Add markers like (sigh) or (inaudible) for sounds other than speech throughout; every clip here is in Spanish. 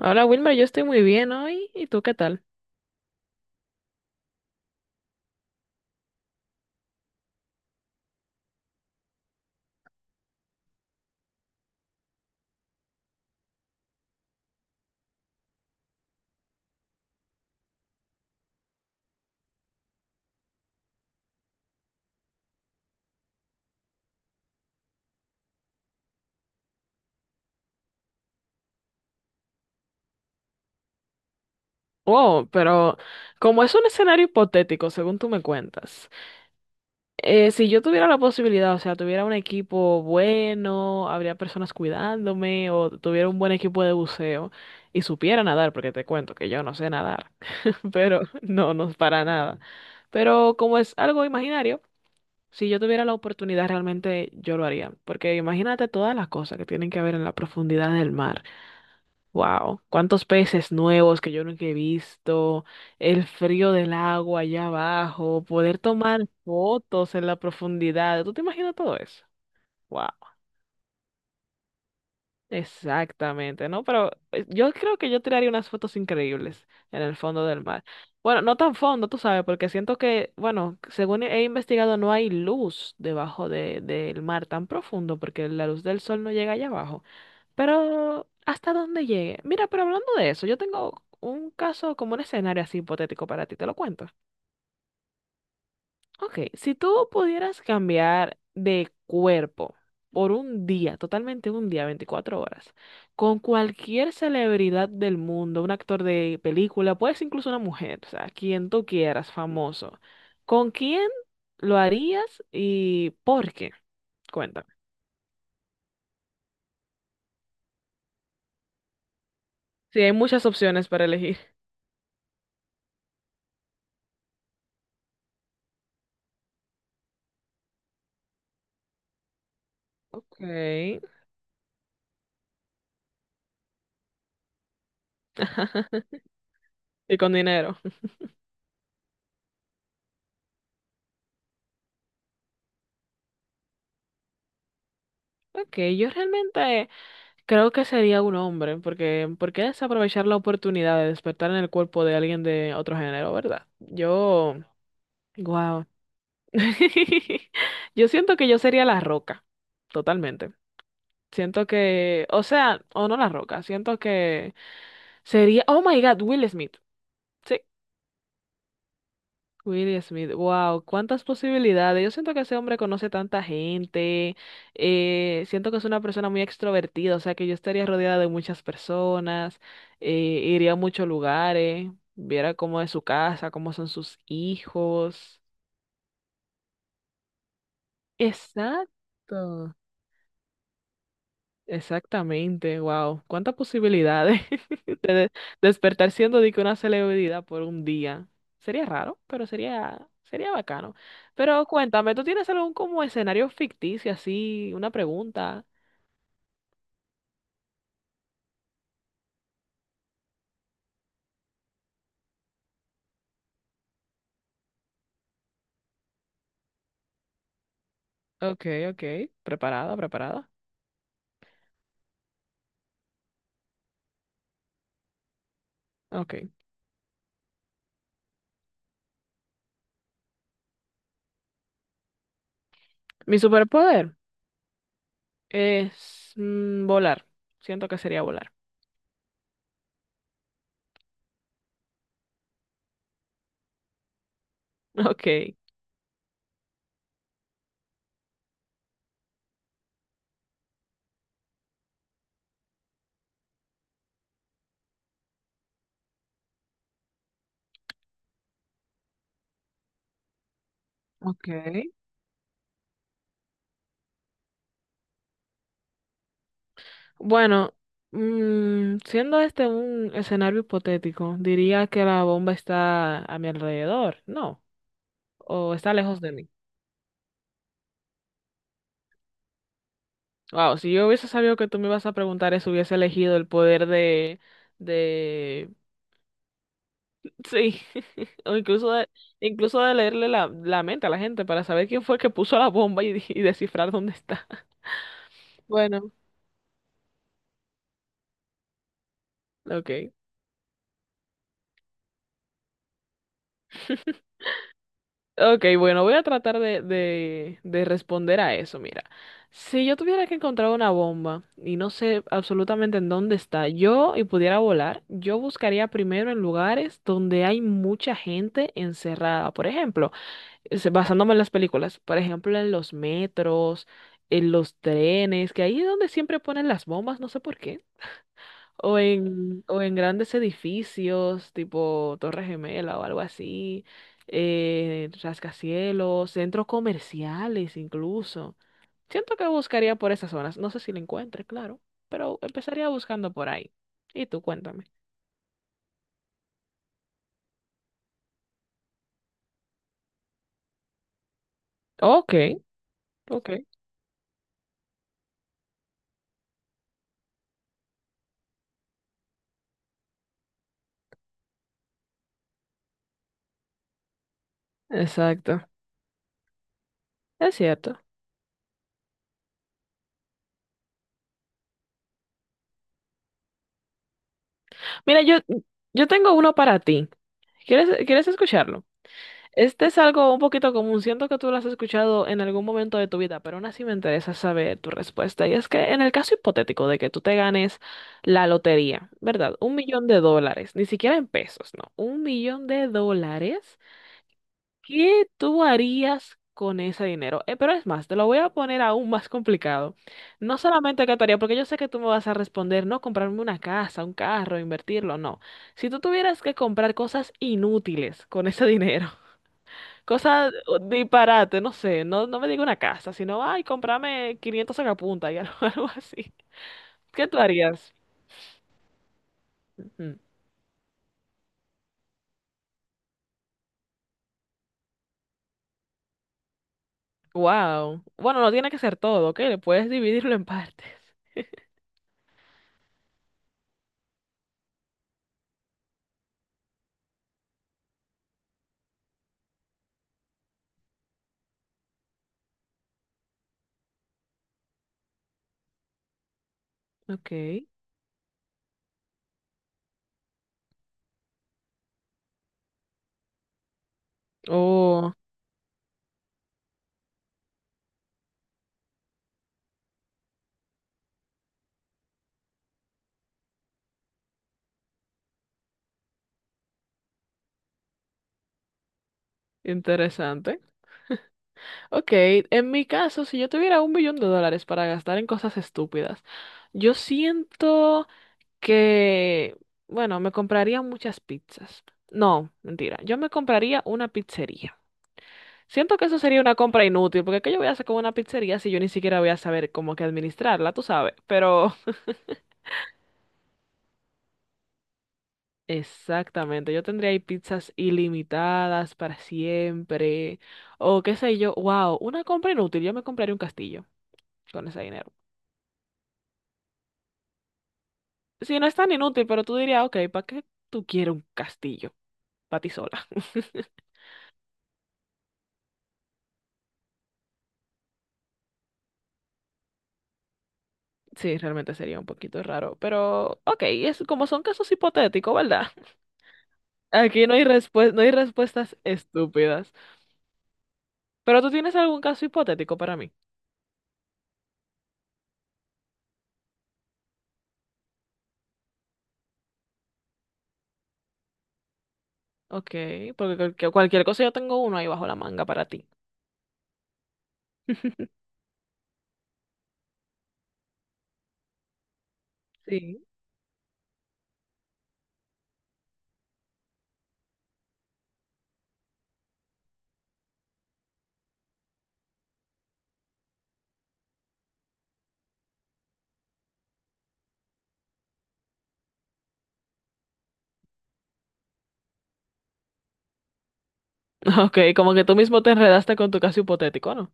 Hola Wilmer, yo estoy muy bien hoy. ¿Y tú qué tal? Wow, pero como es un escenario hipotético, según tú me cuentas, si yo tuviera la posibilidad, o sea, tuviera un equipo bueno, habría personas cuidándome, o tuviera un buen equipo de buceo y supiera nadar, porque te cuento que yo no sé nadar, (laughs) pero no, no es para nada. Pero como es algo imaginario, si yo tuviera la oportunidad, realmente yo lo haría, porque imagínate todas las cosas que tienen que ver en la profundidad del mar. Wow, cuántos peces nuevos que yo nunca he visto, el frío del agua allá abajo, poder tomar fotos en la profundidad. ¿Tú te imaginas todo eso? Wow, exactamente, ¿no? Pero yo creo que yo tiraría unas fotos increíbles en el fondo del mar. Bueno, no tan fondo, tú sabes, porque siento que, bueno, según he investigado, no hay luz debajo del mar tan profundo, porque la luz del sol no llega allá abajo. Pero hasta dónde llegue. Mira, pero hablando de eso, yo tengo un caso como un escenario así hipotético para ti, te lo cuento. Ok, si tú pudieras cambiar de cuerpo por un día, totalmente un día, 24 horas, con cualquier celebridad del mundo, un actor de película, puedes incluso una mujer, o sea, quien tú quieras, famoso, ¿con quién lo harías y por qué? Cuéntame. Sí, hay muchas opciones para elegir. Ok. Y con dinero. Ok, yo realmente creo que sería un hombre, porque ¿por qué desaprovechar la oportunidad de despertar en el cuerpo de alguien de otro género, verdad? Yo, wow. (laughs) Yo siento que yo sería la roca, totalmente. Siento que, o sea, o no la roca, siento que sería, oh my God, Will Smith. Sí. Will Smith, wow, cuántas posibilidades. Yo siento que ese hombre conoce tanta gente, siento que es una persona muy extrovertida, o sea que yo estaría rodeada de muchas personas, eh, iría a muchos lugares, viera cómo es su casa, cómo son sus hijos. Exacto. Exactamente, wow. ¿Cuántas posibilidades (laughs) de de- despertar siendo de que una celebridad por un día? Sería raro, pero sería, sería bacano. Pero cuéntame, ¿tú tienes algún como escenario ficticio así, una pregunta? Ok, ok. Preparada, preparada. Ok. Mi superpoder es volar. Siento que sería volar. (laughs) Ok. Ok. Bueno, siendo este un escenario hipotético, diría que la bomba está a mi alrededor, ¿no? O está lejos de mí. Wow, si yo hubiese sabido que tú me ibas a preguntar eso, hubiese elegido el poder de, sí, (laughs) o incluso incluso de leerle la mente a la gente para saber quién fue que puso la bomba y, (laughs) y descifrar dónde está. (laughs) Bueno, ok. Ok, bueno, voy a tratar de responder a eso. Mira, si yo tuviera que encontrar una bomba y no sé absolutamente en dónde está, yo y pudiera volar, yo buscaría primero en lugares donde hay mucha gente encerrada. Por ejemplo, basándome en las películas, por ejemplo, en los metros, en los trenes, que ahí es donde siempre ponen las bombas, no sé por qué. O en grandes edificios, tipo Torre Gemela o algo así, rascacielos, centros comerciales incluso. Siento que buscaría por esas zonas. No sé si lo encuentre, claro, pero empezaría buscando por ahí. Y tú cuéntame. Ok, ok. Exacto. Es cierto. Mira, yo tengo uno para ti. ¿Quieres escucharlo? Este es algo un poquito común, siento que tú lo has escuchado en algún momento de tu vida, pero aún así me interesa saber tu respuesta. Y es que en el caso hipotético de que tú te ganes la lotería, ¿verdad? 1 millón de dólares, ni siquiera en pesos, no, 1 millón de dólares, ¿qué tú harías con ese dinero? Pero es más, te lo voy a poner aún más complicado. No solamente qué tú harías, porque yo sé que tú me vas a responder, no comprarme una casa, un carro, invertirlo, no. Si tú tuvieras que comprar cosas inútiles con ese (laughs) dinero. Cosas disparate, no sé, no, no me diga una casa, sino, ay, cómprame 500 sacapuntas y algo, (laughs) algo así. ¿Qué tú harías? Wow. Bueno, no tiene que ser todo, ¿ok? Le puedes dividirlo en partes. Ok. Oh, interesante. Ok, en mi caso, si yo tuviera 1 billón de dólares para gastar en cosas estúpidas, yo siento que, bueno, me compraría muchas pizzas. No, mentira, yo me compraría una pizzería. Siento que eso sería una compra inútil, porque ¿qué yo voy a hacer con una pizzería si yo ni siquiera voy a saber cómo que administrarla, tú sabes? Pero (laughs) exactamente, yo tendría ahí pizzas ilimitadas para siempre, o qué sé yo, wow, una compra inútil, yo me compraría un castillo con ese dinero. Si no es tan inútil, pero tú dirías, ok, ¿para qué tú quieres un castillo? Para ti sola. (laughs) Sí, realmente sería un poquito raro, pero ok, es como son casos hipotéticos, ¿verdad? (laughs) Aquí no hay respuestas estúpidas. Pero tú tienes algún caso hipotético para mí. Ok, porque cualquier cosa yo tengo uno ahí bajo la manga para ti. (laughs) Sí. Ok, como que tú mismo te enredaste con tu caso hipotético, ¿no?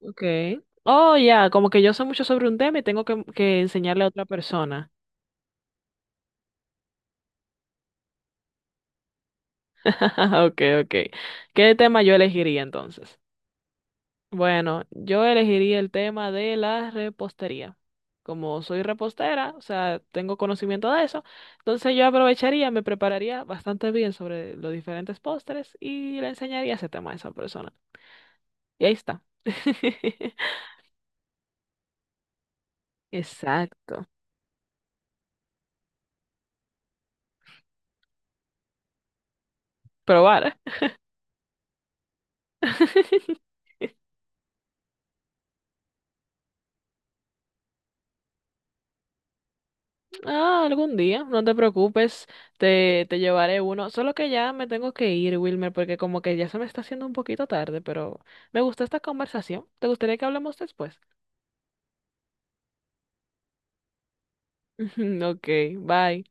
Ok. Oh, ya, como que yo sé mucho sobre un tema y tengo que enseñarle a otra persona. (laughs) Ok, ok. ¿Qué tema yo elegiría entonces? Bueno, yo elegiría el tema de la repostería. Como soy repostera, o sea, tengo conocimiento de eso, entonces yo aprovecharía, me prepararía bastante bien sobre los diferentes postres y le enseñaría ese tema a esa persona. Y ahí está. (laughs) Exacto. Probar. (laughs) Ah, algún día, no te preocupes, te llevaré uno. Solo que ya me tengo que ir, Wilmer, porque como que ya se me está haciendo un poquito tarde, pero me gustó esta conversación. ¿Te gustaría que hablemos después? (laughs) Ok, bye.